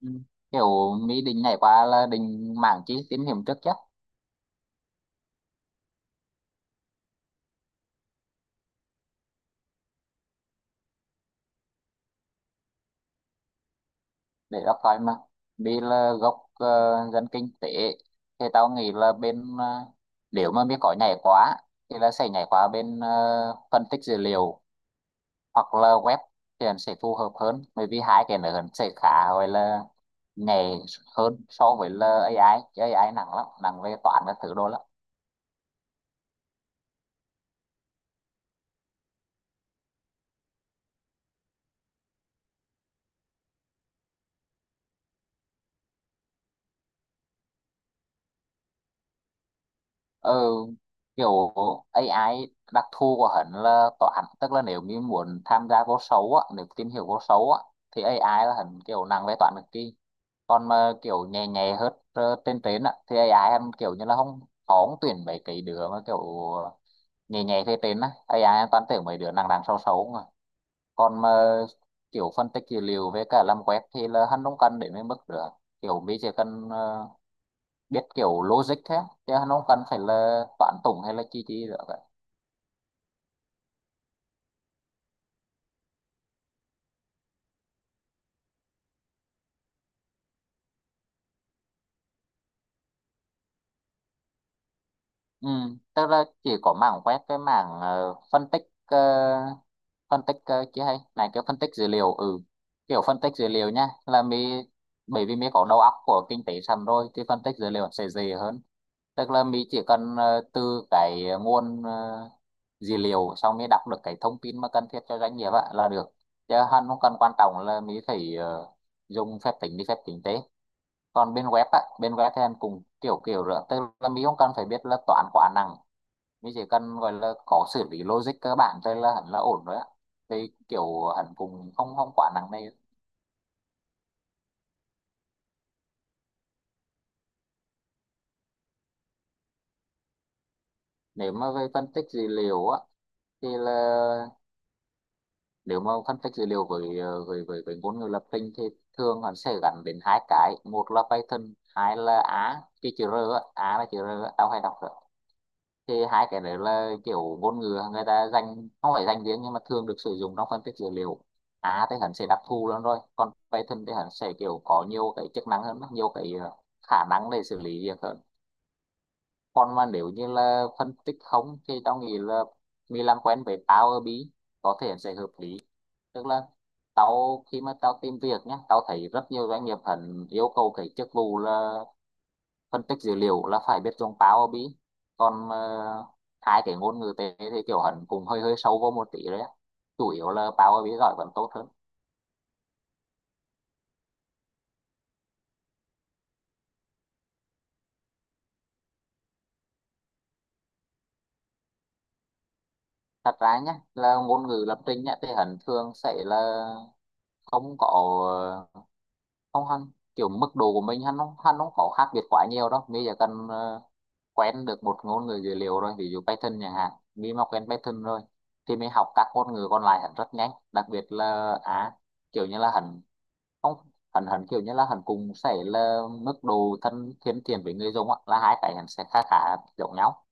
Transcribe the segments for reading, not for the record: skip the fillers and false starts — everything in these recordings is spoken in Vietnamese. Ừ. Kiểu Mỹ định nhảy qua là định mảng chi tín hiểm trước chứ, để đọc coi mà, vì là gốc dân kinh tế. Thì tao nghĩ là bên nếu mà Mỹ có nhảy quá thì là sẽ nhảy qua bên phân tích dữ liệu hoặc là web, thì nó sẽ phù hợp hơn bởi vì hai cái nữa nó sẽ khá gọi là nhảy hơn so với là a i, chứ a i nặng lắm, nặng về toán các thứ đồ lắm. ừ, Kiểu AI, đặc thù của hắn là toán, tức là nếu như muốn tham gia vô số á, nếu tìm hiểu vô số á thì AI là hắn kiểu nặng về toán cực kỳ. Còn mà kiểu nhẹ nhẹ hết trên trên á thì AI hắn kiểu như là không khó, không tuyển mấy cái đứa mà kiểu nhẹ nhẹ phía trên á, AI hắn toàn tuyển mấy đứa nặng nặng xấu xấu mà. Còn mà kiểu phân tích dữ liệu với cả làm web thì là hắn không cần đến mấy mức nữa, kiểu mình chỉ cần biết kiểu logic thế, chứ nó không cần phải là toán tủng hay là chi chi nữa cả. Ừ, tức là chỉ có mảng web, cái mảng phân tích chứ hay này, cái phân tích dữ liệu. Ừ, kiểu phân tích dữ liệu nha là mi, bởi vì mi có đầu óc của kinh tế sẵn rồi thì phân tích dữ liệu sẽ dễ hơn. Tức là mi chỉ cần từ cái nguồn dữ liệu, xong mi đọc được cái thông tin mà cần thiết cho doanh nghiệp á là được, chứ hắn không cần quan trọng là mi phải dùng phép tính đi phép tính tế. Còn bên web á, bên web thì em cũng kiểu kiểu rồi, tức là mình không cần phải biết là toán quá nặng, mình chỉ cần gọi là có xử lý logic cơ bản thôi là hẳn là ổn rồi á. Thì kiểu hẳn cũng không không quá nặng này. Nếu mà về phân tích dữ liệu á thì là nếu mà phân tích dữ liệu với với ngôn ngữ lập trình thì thường hẳn sẽ gắn đến hai cái, một là Python, hai là A, cái chữ R á, A là chữ R á, tao hay đọc. Thì hai cái đấy là kiểu ngôn ngữ người ta dành, không phải dành riêng nhưng mà thường được sử dụng trong phân tích dữ liệu. Á thì hắn sẽ đặc thù lắm rồi, còn Python thì hắn sẽ kiểu có nhiều cái chức năng hơn, nhiều cái khả năng để xử lý việc hơn. Còn mà nếu như là phân tích không thì tao nghĩ là mình làm quen với Power BI có thể sẽ hợp lý. Tức là tao khi mà tao tìm việc nhé, tao thấy rất nhiều doanh nghiệp hắn yêu cầu cái chức vụ là phân tích dữ liệu là phải biết dùng Power BI. Còn hai cái ngôn ngữ tế thì kiểu hẳn cũng hơi hơi sâu vô một tí đấy á. Chủ yếu là Power BI giỏi vẫn tốt hơn. Thật ra nhá, là ngôn ngữ lập trình nhá thì hẳn thường sẽ là không có, ờ, không hẳn, kiểu mức độ của mình hắn không, hắn không có khác biệt quá nhiều đâu, bây giờ cần quen được một ngôn ngữ dữ liệu rồi, ví dụ Python chẳng hạn, mình mà quen Python rồi thì mình học các ngôn ngữ còn lại hẳn rất nhanh, đặc biệt là à kiểu như là hẳn không, hắn hắn kiểu như là hắn cũng sẽ là mức độ thân thân thiện với người dùng á, là hai cái hắn sẽ khá khá giống nhau.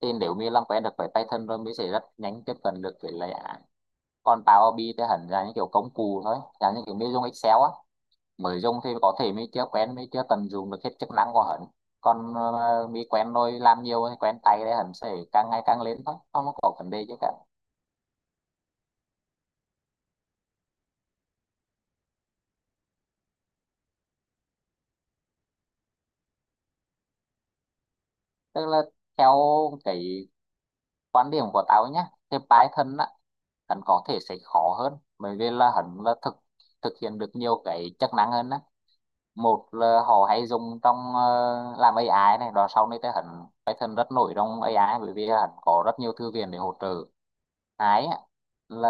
Thì nếu như làm quen được với Python rồi mới sẽ rất nhanh tiếp cận được với lại án. Còn Power BI thì hắn là những kiểu công cụ thôi, là những kiểu mình dùng Excel á, mới dùng thì có thể mình chưa quen, mình chưa tận dụng được hết chức năng của hắn. Còn mình quen rồi, làm nhiều quen tay thì hắn sẽ càng ngày càng lên thôi, không có vấn đề chứ cả. Tức là theo cái quan điểm của tao nhé, thì Python á, hắn có thể sẽ khó hơn bởi vì là hắn là thực thực hiện được nhiều cái chức năng hơn á. Một là họ hay dùng trong làm AI này đó, sau này thì hắn Python rất nổi trong AI bởi vì hắn có rất nhiều thư viện để hỗ trợ cái á, là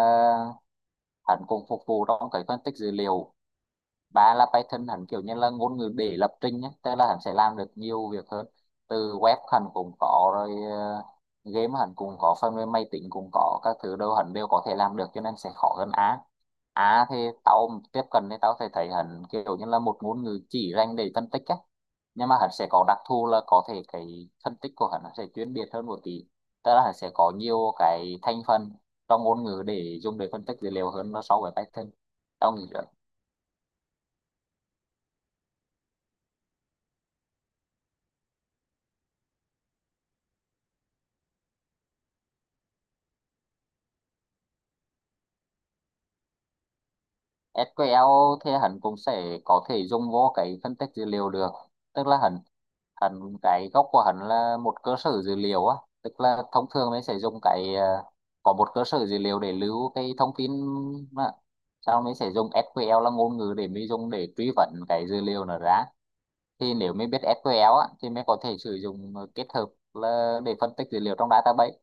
hắn cũng phục vụ trong cái phân tích dữ liệu. Ba là Python hẳn kiểu như là ngôn ngữ để lập trình nhé, tức là hẳn sẽ làm được nhiều việc hơn, từ web hẳn cũng có rồi, game hẳn cũng có, phần mềm máy tính cũng có, các thứ đâu hẳn đều có thể làm được, cho nên sẽ khó hơn A. A thì tao tiếp cận thì tao sẽ thấy hẳn kiểu như là một ngôn ngữ chỉ dành để phân tích á, nhưng mà hẳn sẽ có đặc thù là có thể cái phân tích của hẳn nó sẽ chuyên biệt hơn một tí, tức là hẳn sẽ có nhiều cái thành phần trong ngôn ngữ để dùng để phân tích dữ liệu hơn nó so với Python, tao nghĩ. SQL thì hẳn cũng sẽ có thể dùng vô cái phân tích dữ liệu được. Tức là hẳn hẳn cái gốc của hẳn là một cơ sở dữ liệu á, tức là thông thường mình sẽ dùng cái có một cơ sở dữ liệu để lưu cái thông tin, mà sau mình sẽ dùng SQL là ngôn ngữ để mình dùng để truy vấn cái dữ liệu nó ra. Thì nếu mình biết SQL á, thì mình có thể sử dụng kết hợp là để phân tích dữ liệu trong database,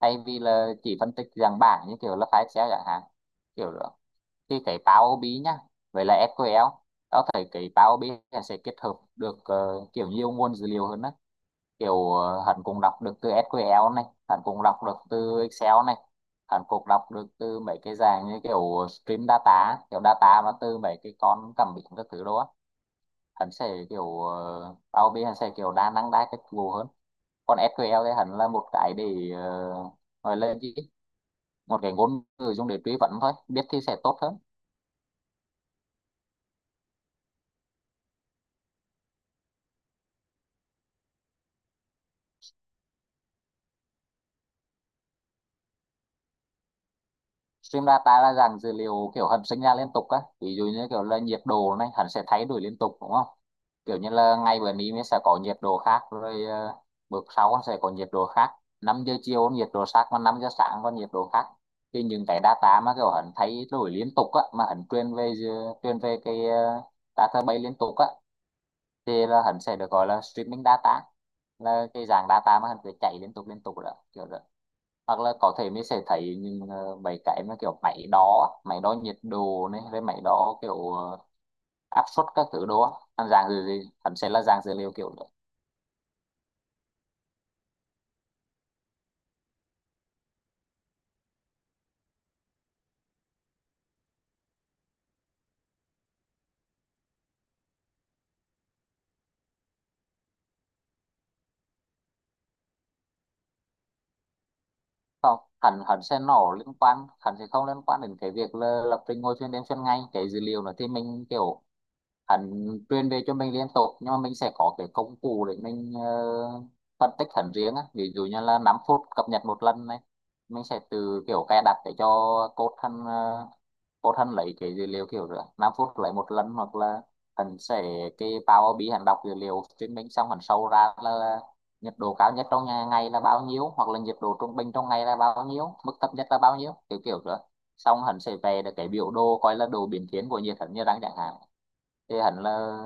thay vì là chỉ phân tích dạng bảng như kiểu là file Excel chẳng hạn, kiểu đó. Thì cái Power BI ai nhá, vậy là SQL, tao thấy cái Power BI là sẽ kết hợp được kiểu nhiều nguồn dữ liệu hơn đó, kiểu hắn cũng đọc được từ SQL này, hắn cũng đọc được từ Excel này, hắn cũng đọc được từ mấy cái dạng như kiểu stream data, kiểu data mà từ mấy cái con cảm biến các thứ đó á. Hắn sẽ kiểu Power BI ai hắn sẽ kiểu đa năng đa cách vụ hơn. Còn SQL thì hắn là một cái để ờ, gọi là gì, một cái ngôn ngữ dùng để truy vấn thôi, biết thì sẽ tốt hơn. Stream data là dạng dữ liệu kiểu hầm sinh ra liên tục á, ví dụ như kiểu là nhiệt độ này hẳn sẽ thay đổi liên tục đúng không, kiểu như là ngày bữa nay mình sẽ có nhiệt độ khác rồi, bữa sau con sẽ có nhiệt độ khác, 5 giờ chiều con nhiệt độ khác, còn 5 giờ sáng con nhiệt độ khác. Thì những cái data mà kiểu hẳn thay đổi liên tục á, mà hẳn truyền về truyền về cái database liên tục á, thì là hẳn sẽ được gọi là streaming data, là cái dạng data mà hẳn cứ chạy liên tục đó, kiểu đó. Hoặc là có thể mình sẽ thấy những mấy cái mà kiểu máy đo á, máy đo nhiệt độ này, với máy đo kiểu áp suất các thứ đó, anh dạng gì gì hẳn sẽ là dạng dữ liệu kiểu. Không hẳn hẳn sẽ nổ liên quan, hẳn sẽ không liên quan đến cái việc là lập trình ngồi chuyên đêm chuyên ngày. Cái dữ liệu nó thì mình kiểu hẳn truyền về cho mình liên tục, nhưng mà mình sẽ có cái công cụ để mình phân tích hẳn riêng á. Ví dụ như là 5 phút cập nhật một lần này, mình sẽ từ kiểu cài đặt để cho code hẳn code hẳn lấy cái dữ liệu kiểu rồi 5 phút lấy một lần, hoặc là hẳn sẽ cái Power BI hẳn đọc dữ liệu trên mình, xong hẳn sâu ra là nhiệt độ cao nhất trong ngày là bao nhiêu, hoặc là nhiệt độ trung bình trong ngày là bao nhiêu, mức thấp nhất là bao nhiêu, kiểu kiểu nữa. Xong hắn sẽ về được cái biểu đồ coi là đồ biến thiên của nhiệt hắn như đang chẳng hạn. Thì hắn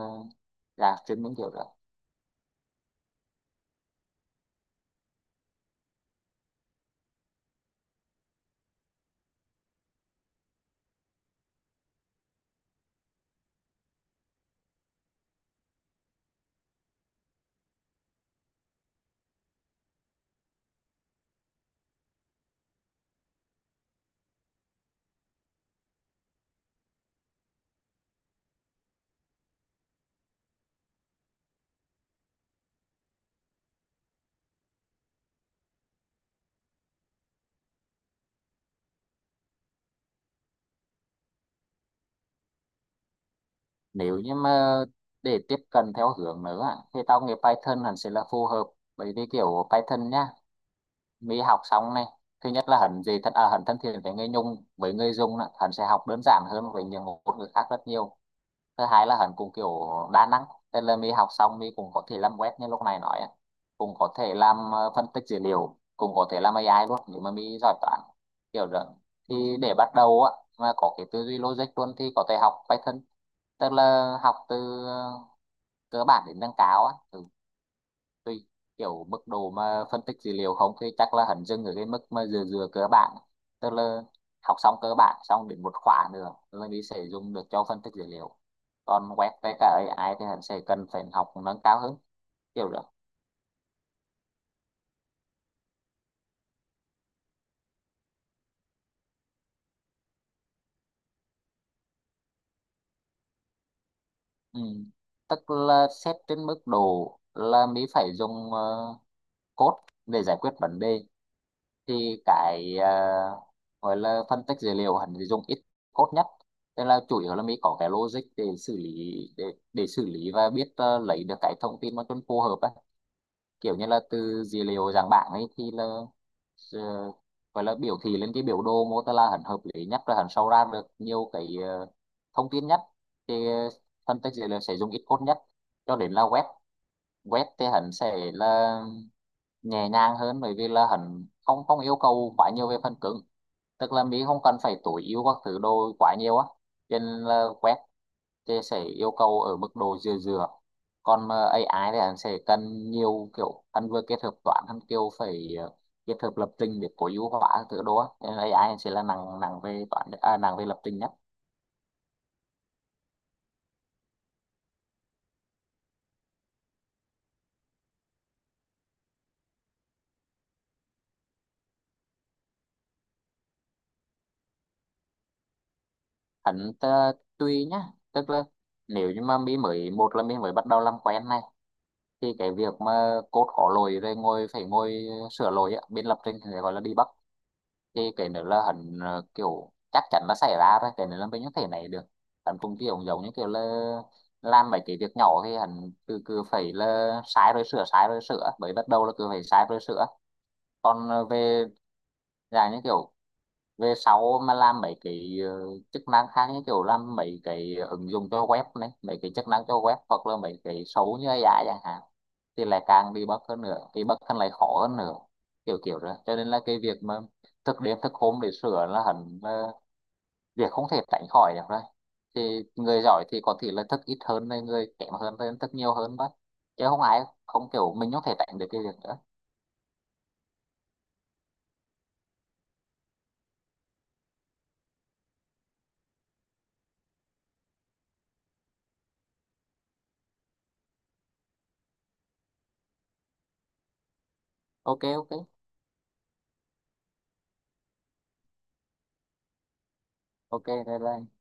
là chuyên môn kiểu nữa. Nếu như mà để tiếp cận theo hướng nữa thì tao nghĩ Python hẳn sẽ là phù hợp, bởi vì kiểu Python nhá. Mỹ học xong này, thứ nhất là hắn thân thiện với người Nhung với người Dung á, hắn sẽ học đơn giản hơn với những ngôn ngữ khác rất nhiều. Thứ hai là hắn cũng kiểu đa năng, tức là Mỹ học xong Mỹ cũng có thể làm web như lúc này nói á. Cũng có thể làm phân tích dữ liệu, cũng có thể làm AI luôn nếu mà Mỹ giỏi toán, kiểu đó. Thì để bắt đầu á mà có cái tư duy logic luôn thì có thể học Python, tức là học từ cơ bản đến nâng cao á. Tùy kiểu mức độ mà phân tích dữ liệu không thì chắc là hắn dừng ở cái mức mà dừa dừa cơ bản. Tức là học xong cơ bản xong đến một khóa nữa là đi sẽ dùng được cho phân tích dữ liệu. Còn web với cả AI thì hắn sẽ cần phải học nâng cao hơn, kiểu đó. Ừ. Tức là xét trên mức độ là mình phải dùng code để giải quyết vấn đề, thì cái gọi là phân tích dữ liệu hắn dùng ít code nhất. Tức là chủ yếu là mình có cái logic để xử lý để xử lý và biết lấy được cái thông tin mà cho nó phù hợp á. Kiểu như là từ dữ liệu dạng bảng ấy thì là ờ, gọi là biểu thị lên cái biểu đồ mô tả là hắn hợp lý nhất, và hắn sau ra được nhiều cái thông tin nhất. Thì phân tích dữ liệu sẽ dùng ít code nhất, cho đến là web. Web thì hắn sẽ là nhẹ nhàng hơn bởi vì là hắn không không yêu cầu quá nhiều về phần cứng. Tức là Mỹ không cần phải tối ưu các thứ đồ quá nhiều á, cho nên là web thì sẽ yêu cầu ở mức độ vừa vừa. Còn mà AI thì hắn sẽ cần nhiều, kiểu hắn vừa kết hợp toán, hắn kiểu phải kết hợp lập trình để tối ưu hóa các thứ đồ á, cho nên AI hắn sẽ là nặng, nặng về toán à, nặng về lập trình nhất. Hắn tùy nhá. Tức là nếu như mà Mỹ mới, một là Mỹ mới bắt đầu làm quen này. Thì cái việc mà code có lỗi rồi ngồi phải ngồi sửa lỗi á, bên lập trình thì gọi là debug, thì cái nữa là hẳn kiểu chắc chắn là xảy ra rồi, cái nữa là mình không thể này được. Hắn cũng kiểu giống như kiểu là làm mấy cái việc nhỏ thì hẳn cứ cứ phải là sai rồi sửa, sai rồi sửa, bởi bắt đầu là cứ phải sai rồi sửa. Còn về dài như kiểu về sau mà làm mấy cái chức năng khác, như kiểu làm mấy cái ứng dụng cho web này, mấy cái chức năng cho web hoặc là mấy cái xấu như AI chẳng hạn, thì lại càng đi bug hơn nữa, bị bug hơn lại khó hơn nữa, kiểu kiểu rồi. Cho nên là cái việc mà thức đêm thức hôm để sửa là hẳn việc không thể tránh khỏi được rồi. Thì người giỏi thì có thể là thức ít hơn này, người kém hơn thì thức nhiều hơn đó. Chứ không ai không, kiểu mình không thể tránh được cái việc đó. Ok ok. Ok, bye bye.